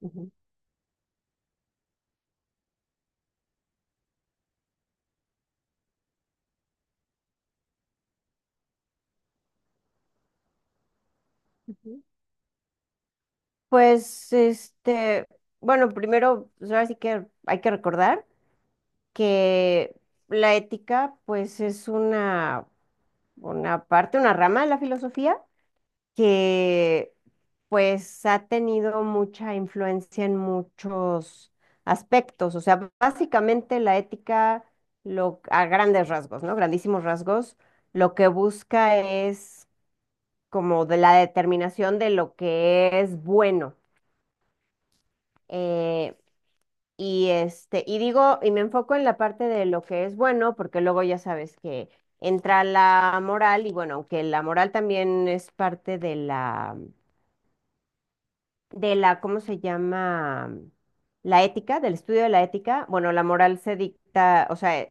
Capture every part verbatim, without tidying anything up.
Ujú, ujú. Pues este, bueno, primero, pues ahora sí que hay que recordar que la ética, pues es una, una parte, una rama de la filosofía que pues ha tenido mucha influencia en muchos aspectos. O sea, básicamente la ética, lo, a grandes rasgos, ¿no? Grandísimos rasgos, lo que busca es como de la determinación de lo que es bueno. Eh, y este, y digo, y me enfoco en la parte de lo que es bueno, porque luego ya sabes que entra la moral, y bueno, aunque la moral también es parte de la, de la, ¿cómo se llama? La ética, del estudio de la ética. Bueno, la moral se dicta, o sea,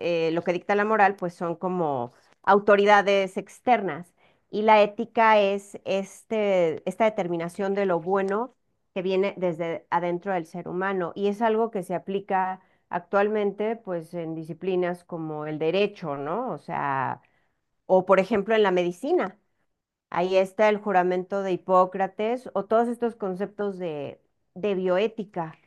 eh, lo que dicta la moral, pues son como autoridades externas. Y la ética es este, esta determinación de lo bueno que viene desde adentro del ser humano. Y es algo que se aplica actualmente, pues, en disciplinas como el derecho, ¿no? O sea, o por ejemplo en la medicina. Ahí está el juramento de Hipócrates o todos estos conceptos de, de bioética.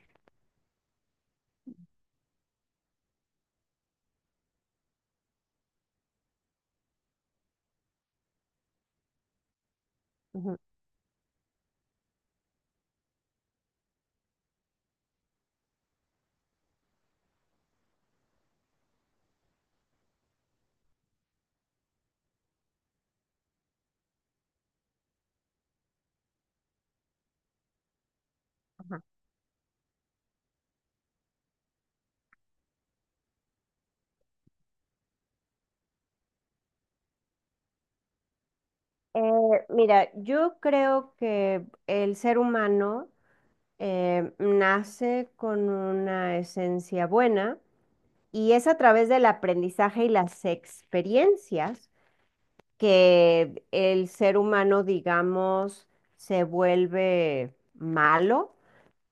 Ujú. Eh, mira, yo creo que el ser humano eh, nace con una esencia buena y es a través del aprendizaje y las experiencias que el ser humano, digamos, se vuelve malo,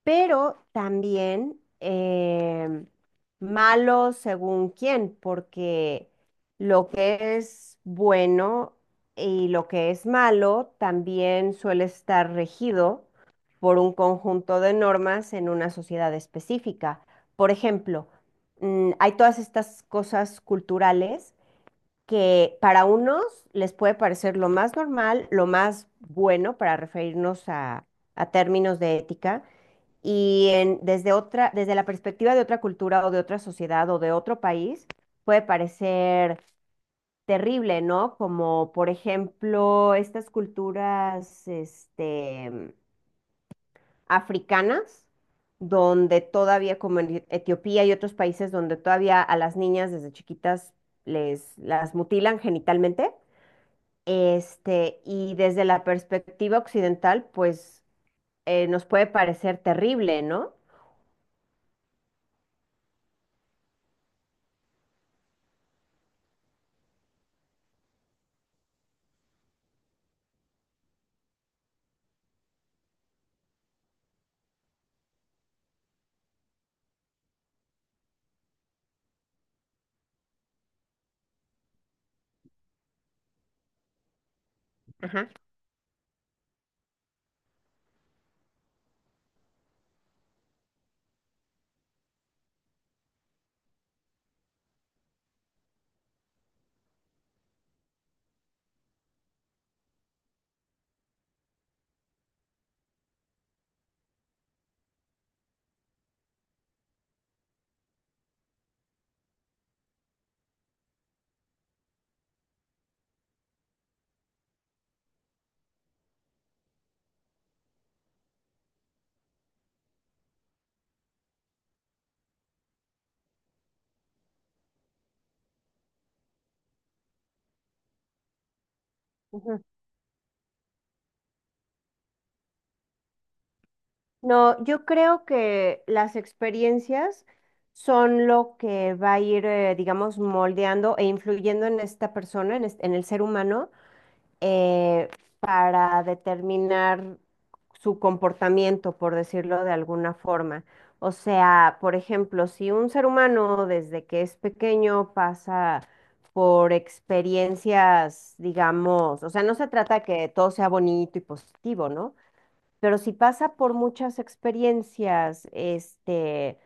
pero también em, malo según quién, porque lo que es bueno y lo que es malo también suele estar regido por un conjunto de normas en una sociedad específica. Por ejemplo, mm, hay todas estas cosas culturales que para unos les puede parecer lo más normal, lo más bueno para referirnos a a términos de ética, y en- desde otra, desde la perspectiva de otra cultura o de otra sociedad o de otro país, puede parecer terrible, ¿no? Como por ejemplo estas culturas, este, africanas, donde todavía, como en E-, Etiopía y otros países donde todavía a las niñas desde chiquitas les las mutilan genitalmente. Este, y desde la perspectiva occidental, pues eh, nos puede parecer terrible, ¿no? Ajá. No, yo creo que las experiencias son lo que va a ir, eh, digamos, moldeando e influyendo en esta persona, en, este- en el ser humano, eh, para determinar su comportamiento, por decirlo de alguna forma. O sea, por ejemplo, si un ser humano desde que es pequeño pasa por experiencias, digamos, o sea, no se trata que todo sea bonito y positivo, ¿no? Pero si pasa por muchas experiencias, este,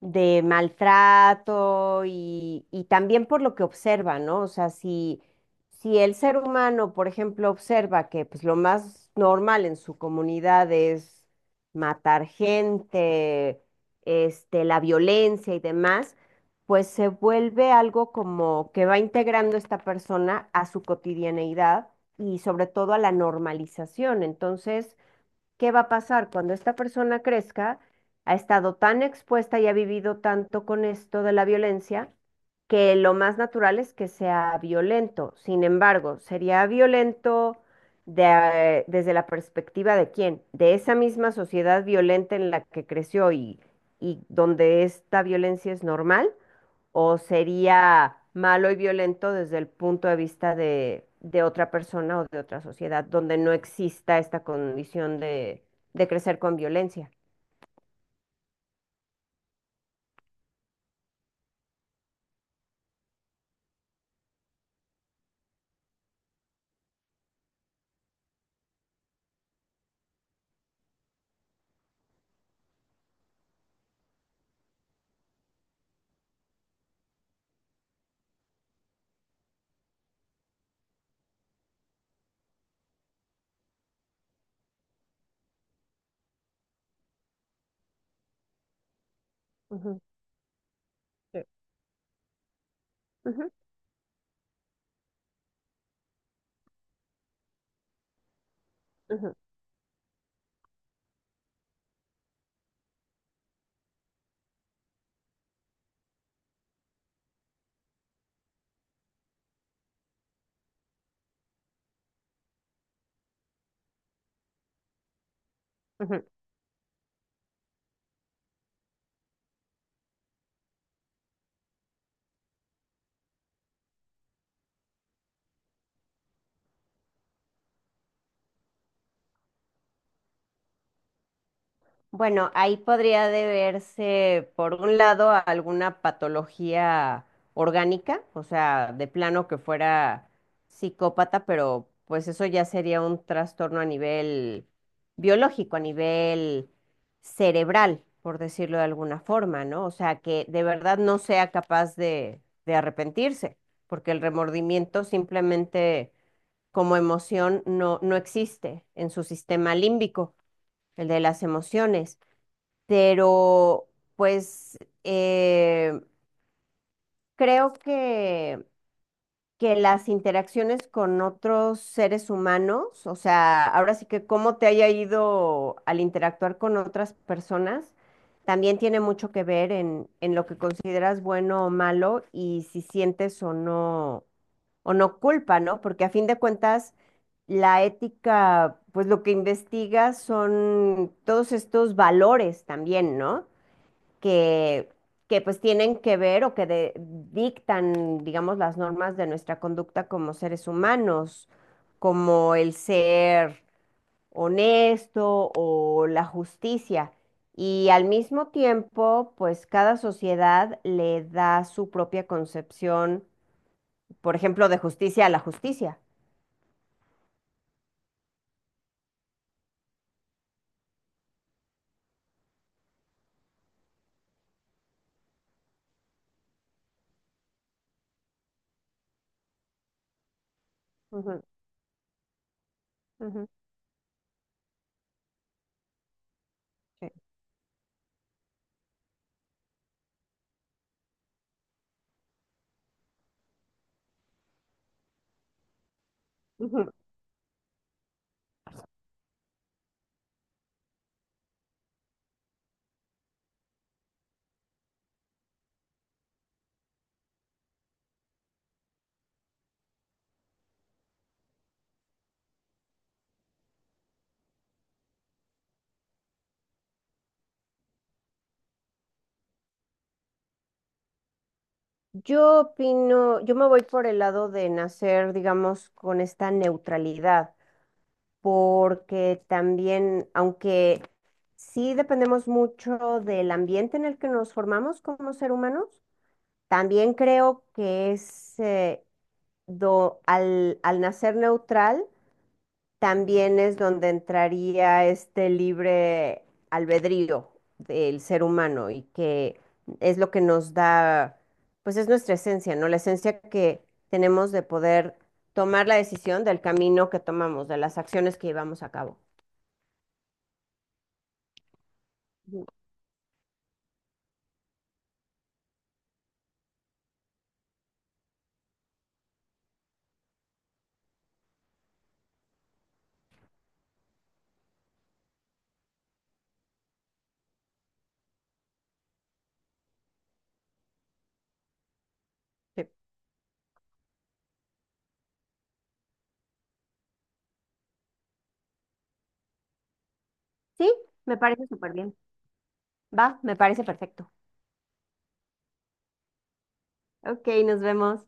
de maltrato y, y también por lo que observa, ¿no? O sea, si, si el ser humano, por ejemplo, observa que pues, lo más normal en su comunidad es matar gente, este, la violencia y demás, pues se vuelve algo como que va integrando esta persona a su cotidianeidad y sobre todo a la normalización. Entonces, ¿Qué va a pasar cuando esta persona crezca? Ha estado tan expuesta y ha vivido tanto con esto de la violencia que lo más natural es que sea violento. Sin embargo, sería violento de- desde la perspectiva de quién, de esa misma sociedad violenta en la que creció y, y donde esta violencia es normal, o sería malo y violento desde el punto de vista de, de otra persona o de otra sociedad, donde no exista esta condición de, de crecer con violencia. Ujú, sí. Ujú, ujú, ujú. Bueno, ahí podría deberse, por un lado, a alguna patología orgánica, o sea, de plano que fuera psicópata, pero pues eso ya sería un trastorno a nivel biológico, a nivel cerebral, por decirlo de alguna forma, ¿no? O sea, que de verdad no sea capaz de, de arrepentirse, porque el remordimiento simplemente como emoción no, no existe en su sistema límbico, el de las emociones. Pero pues eh, creo que, que las interacciones con otros seres humanos, o sea, ahora sí que cómo te haya ido al interactuar con otras personas, también tiene mucho que ver en, en lo que consideras bueno o malo y si sientes o no, o no culpa, ¿no? Porque a fin de cuentas, la ética, pues lo que investiga son todos estos valores también, ¿no? que, que pues tienen que ver o que de- dictan, digamos, las normas de nuestra conducta como seres humanos, como el ser honesto o la justicia. Y al mismo tiempo, pues cada sociedad le da su propia concepción, por ejemplo, de justicia a la justicia. Ujú, ujú, sí. Ujú. Yo opino, yo me voy por el lado de nacer, digamos, con esta neutralidad, porque también, aunque sí dependemos mucho del ambiente en el que nos formamos como ser humanos, también creo que es eh, do- al, al nacer neutral, también es donde entraría este libre albedrío del ser humano, y que es lo que nos da, pues es nuestra esencia, ¿no? La esencia que tenemos de poder tomar la decisión del camino que tomamos, de las acciones que llevamos a cabo. Sí. Sí, me parece súper bien. Va, me parece perfecto. Ok, nos vemos.